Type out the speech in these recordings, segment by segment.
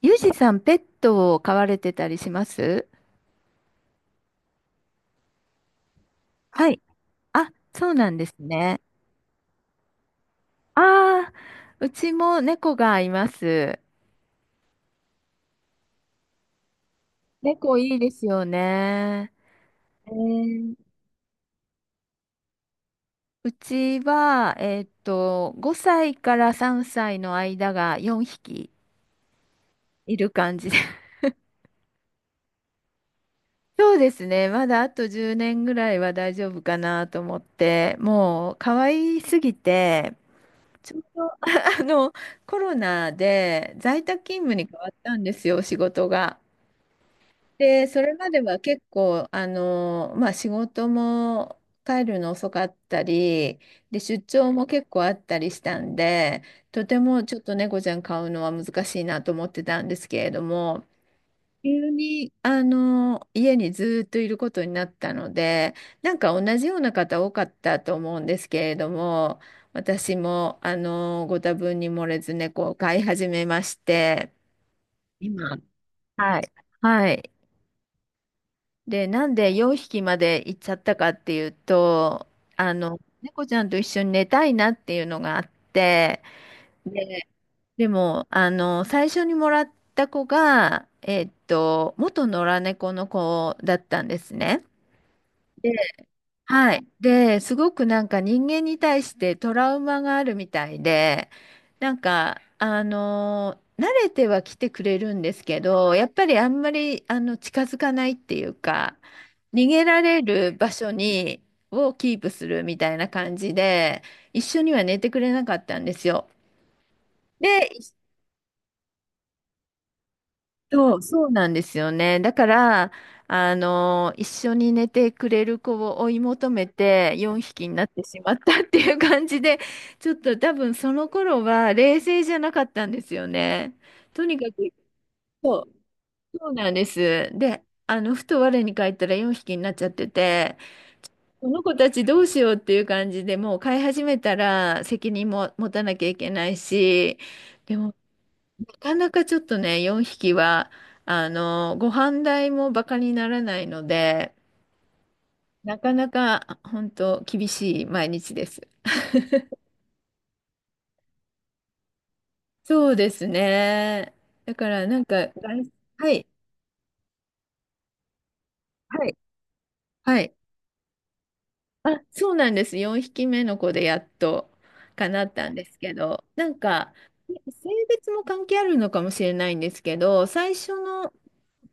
ユージさん、ペットを飼われてたりします？はい。あ、そうなんですね。ああ、うちも猫がいます。猫いいですよね。えー、うちは、5歳から3歳の間が4匹いる感じで。そうですね。まだあと10年ぐらいは大丈夫かなと思って、もう可愛すぎて、ちょっあの、コロナで在宅勤務に変わったんですよ、仕事が。で、それまでは結構、仕事も帰るの遅かったり、で、出張も結構あったりしたんで、とてもちょっと猫ちゃん飼うのは難しいなと思ってたんですけれども、急に、家にずっといることになったので、なんか同じような方多かったと思うんですけれども、私も、ご多分に漏れず猫を飼い始めまして、今、はい。はい。で、なんで4匹まで行っちゃったかっていうと、猫ちゃんと一緒に寝たいなっていうのがあって、ででも、最初にもらった子が、元野良猫の子だったんですね。で、はい。で、すごくなんか人間に対してトラウマがあるみたいで、なんか、慣れては来てくれるんですけど、やっぱりあんまり、近づかないっていうか、逃げられる場所に、をキープするみたいな感じで、一緒には寝てくれなかったんですよ。でそうなんですよね。だから、一緒に寝てくれる子を追い求めて4匹になってしまったっていう感じで、ちょっと多分その頃は冷静じゃなかったんですよね。とにかく、そそうなんです。で、ふと我に返ったら4匹になっちゃってて、この子たちどうしようっていう感じでもう飼い始めたら責任も持たなきゃいけないし、でもなかなかちょっとね、4匹は、ご飯代もバカにならないので、なかなか本当厳しい毎日です。そうですね。だからなんか、はい、はい、はい。あ、そうなんです。4匹目の子でやっと叶ったんですけど、なんか、性別も関係あるのかもしれないんですけど、最初の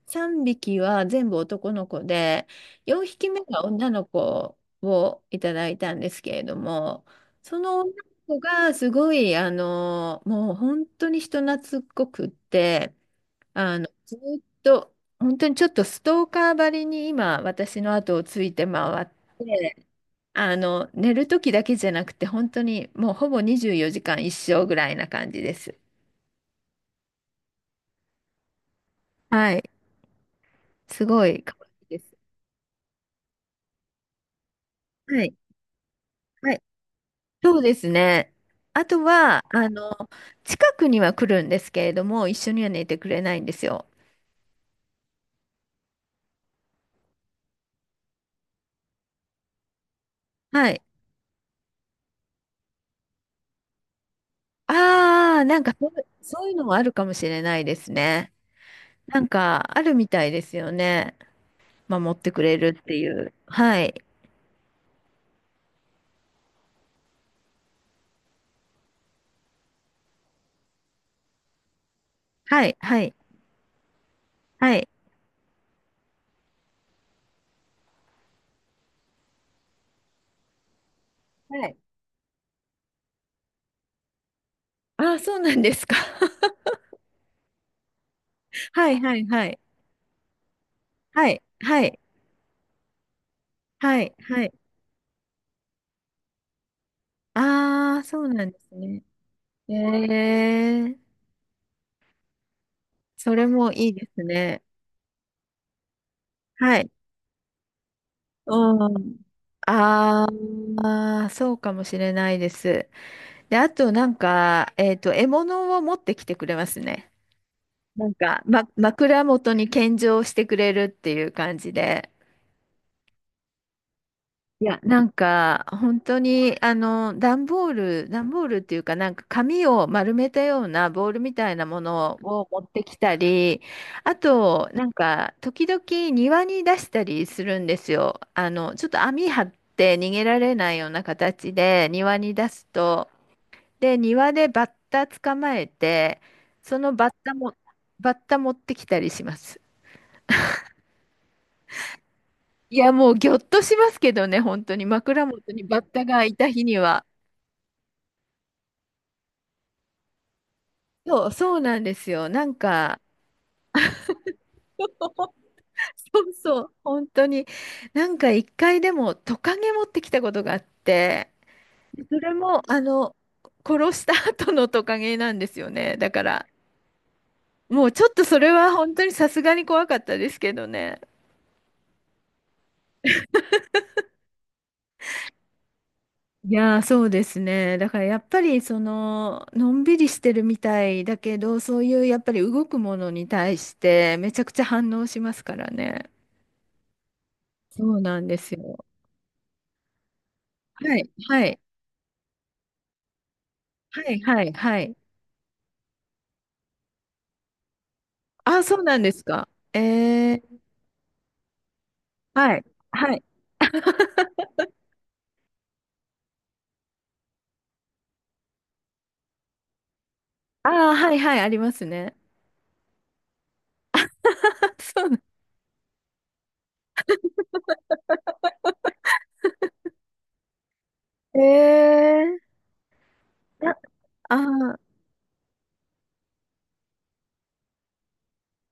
3匹は全部男の子で、4匹目が女の子をいただいたんですけれども、その女の子がすごい、もう本当に人懐っこくって、ずっと、本当にちょっとストーカーばりに今、私の後をついて回って、寝る時だけじゃなくて、本当にもうほぼ24時間一生ぐらいな感じです。はい。すごい可愛いです。はい。はい。そうですね。あとは、近くには来るんですけれども、一緒には寝てくれないんですよ。はい。ああ、なんかそう、そういうのもあるかもしれないですね。なんか、あるみたいですよね。守ってくれるっていう。はい。はい、はい、はい。はい。ああ、そうなんですか？はい、はい、はい。はい、はい、はい、はい。ああ、そうなんですね。ええ、それもいいですね。はい。うん。ああ、そうかもしれないです。で、あとなんか、獲物を持ってきてくれますね。なんか、枕元に献上してくれるっていう感じで。いや、なんか、本当に、段ボールっていうか、なんか紙を丸めたようなボールみたいなものを持ってきたり、あと、なんか、時々庭に出したりするんですよ。ちょっと網張って逃げられないような形で庭に出すと、で、庭でバッタ捕まえて、そのバッタも、バッタ持ってきたりします。いや、もうぎょっとしますけどね、本当に枕元にバッタがいた日には。そうなんですよ。なんか、そう、本当に、なんか一回でもトカゲ持ってきたことがあって、それも、殺した 後のトカゲなんですよね。だから、もうちょっとそれは本当にさすがに怖かったですけどね。いやー、そうですね。だからやっぱり、のんびりしてるみたいだけど、そういうやっぱり動くものに対して、めちゃくちゃ反応しますからね。そうなんですよ。はい、はい、はい、はい、はい。あ、そうなんですか？ええ。はい。はい。ああ、はいはい、ありますね。あそうなんええ。なあー、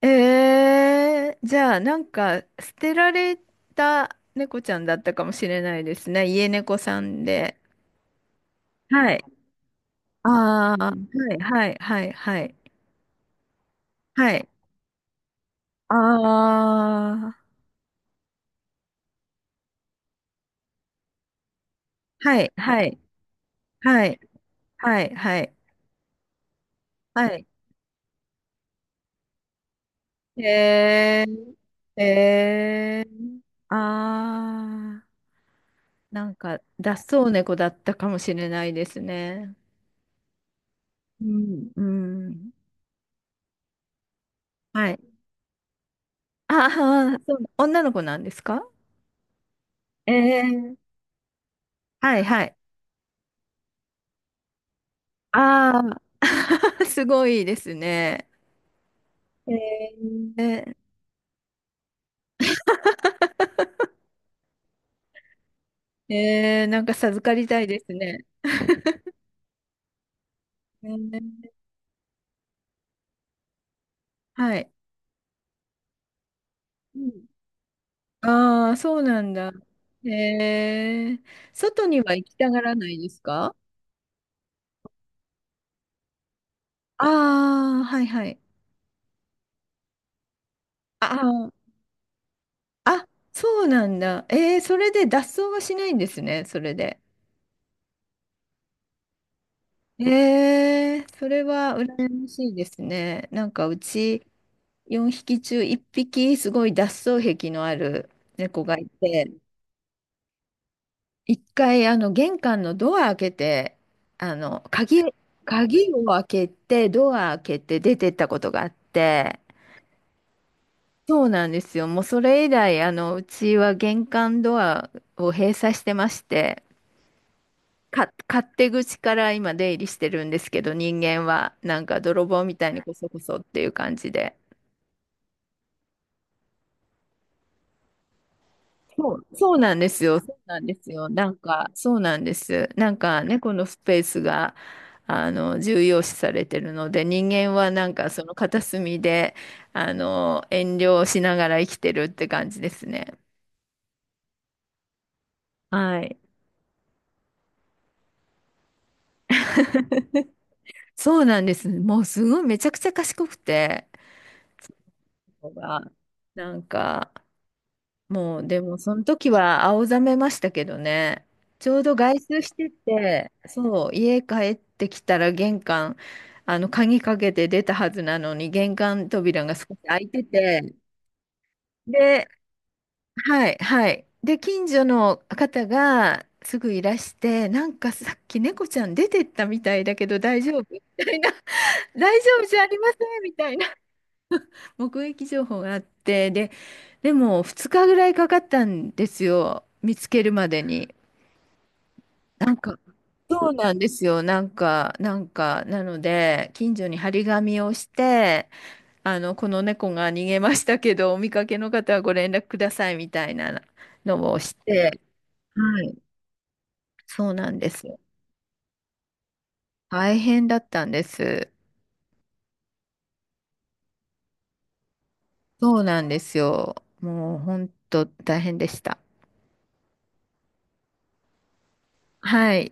ええ、じゃあ、なんか、捨てられた猫ちゃんだったかもしれないですね。家猫さんで。はい。ああ、はいはいはいはい。はい。ああ、はいはいはいはいはい。はい。ええ。ええ。ああー。なんか、脱走猫だったかもしれないですね。うん、うん。はい。ああ、そう、女の子なんですか？ええ。はいはい。ああ、すごいですね。ええ、ええ、なんか授かりたいですね。ええ。はい。ああ、そうなんだ。ええ、外には行きたがらないですか？ああー、はいはい。あ、あ、そうなんだ。えー、それで脱走はしないんですね、それで。えー、それは羨ましいですね。なんかうち4匹中1匹すごい脱走癖のある猫がいて、一回あの玄関のドア開けて、あの鍵、鍵を開けて、ドア開けて出てったことがあって、そうなんですよ。もうそれ以来、うちは玄関ドアを閉鎖してまして、勝手口から今出入りしてるんですけど、人間はなんか泥棒みたいにこそこそっていう感じで。そうなんですよ。そうなんですよ。なんか、そうなんです。なんか猫のスペースが、重要視されてるので、人間はなんかその片隅で、遠慮しながら生きてるって感じですね。はい。そうなんです。もうすごいめちゃくちゃ賢くて、猫がなんか、もう、でも、その時は青ざめましたけどね。ちょうど外出してて、そう、家帰ってきたら玄関、鍵かけて出たはずなのに、玄関扉が少し開いてて、で、はい、はい。で、近所の方がすぐいらして、なんかさっき猫ちゃん出てったみたいだけど大丈夫みたいな、大丈夫じゃありませんみたいな。目撃情報があって、で、でも2日ぐらいかかったんですよ、見つけるまでに。なんか、そうなんですよ、なので、近所に張り紙をして、この猫が逃げましたけど、お見かけの方はご連絡くださいみたいなのをして、はい、そうなんですよ。大変だったんです。そうなんですよ。もう、本当大変でした。はい。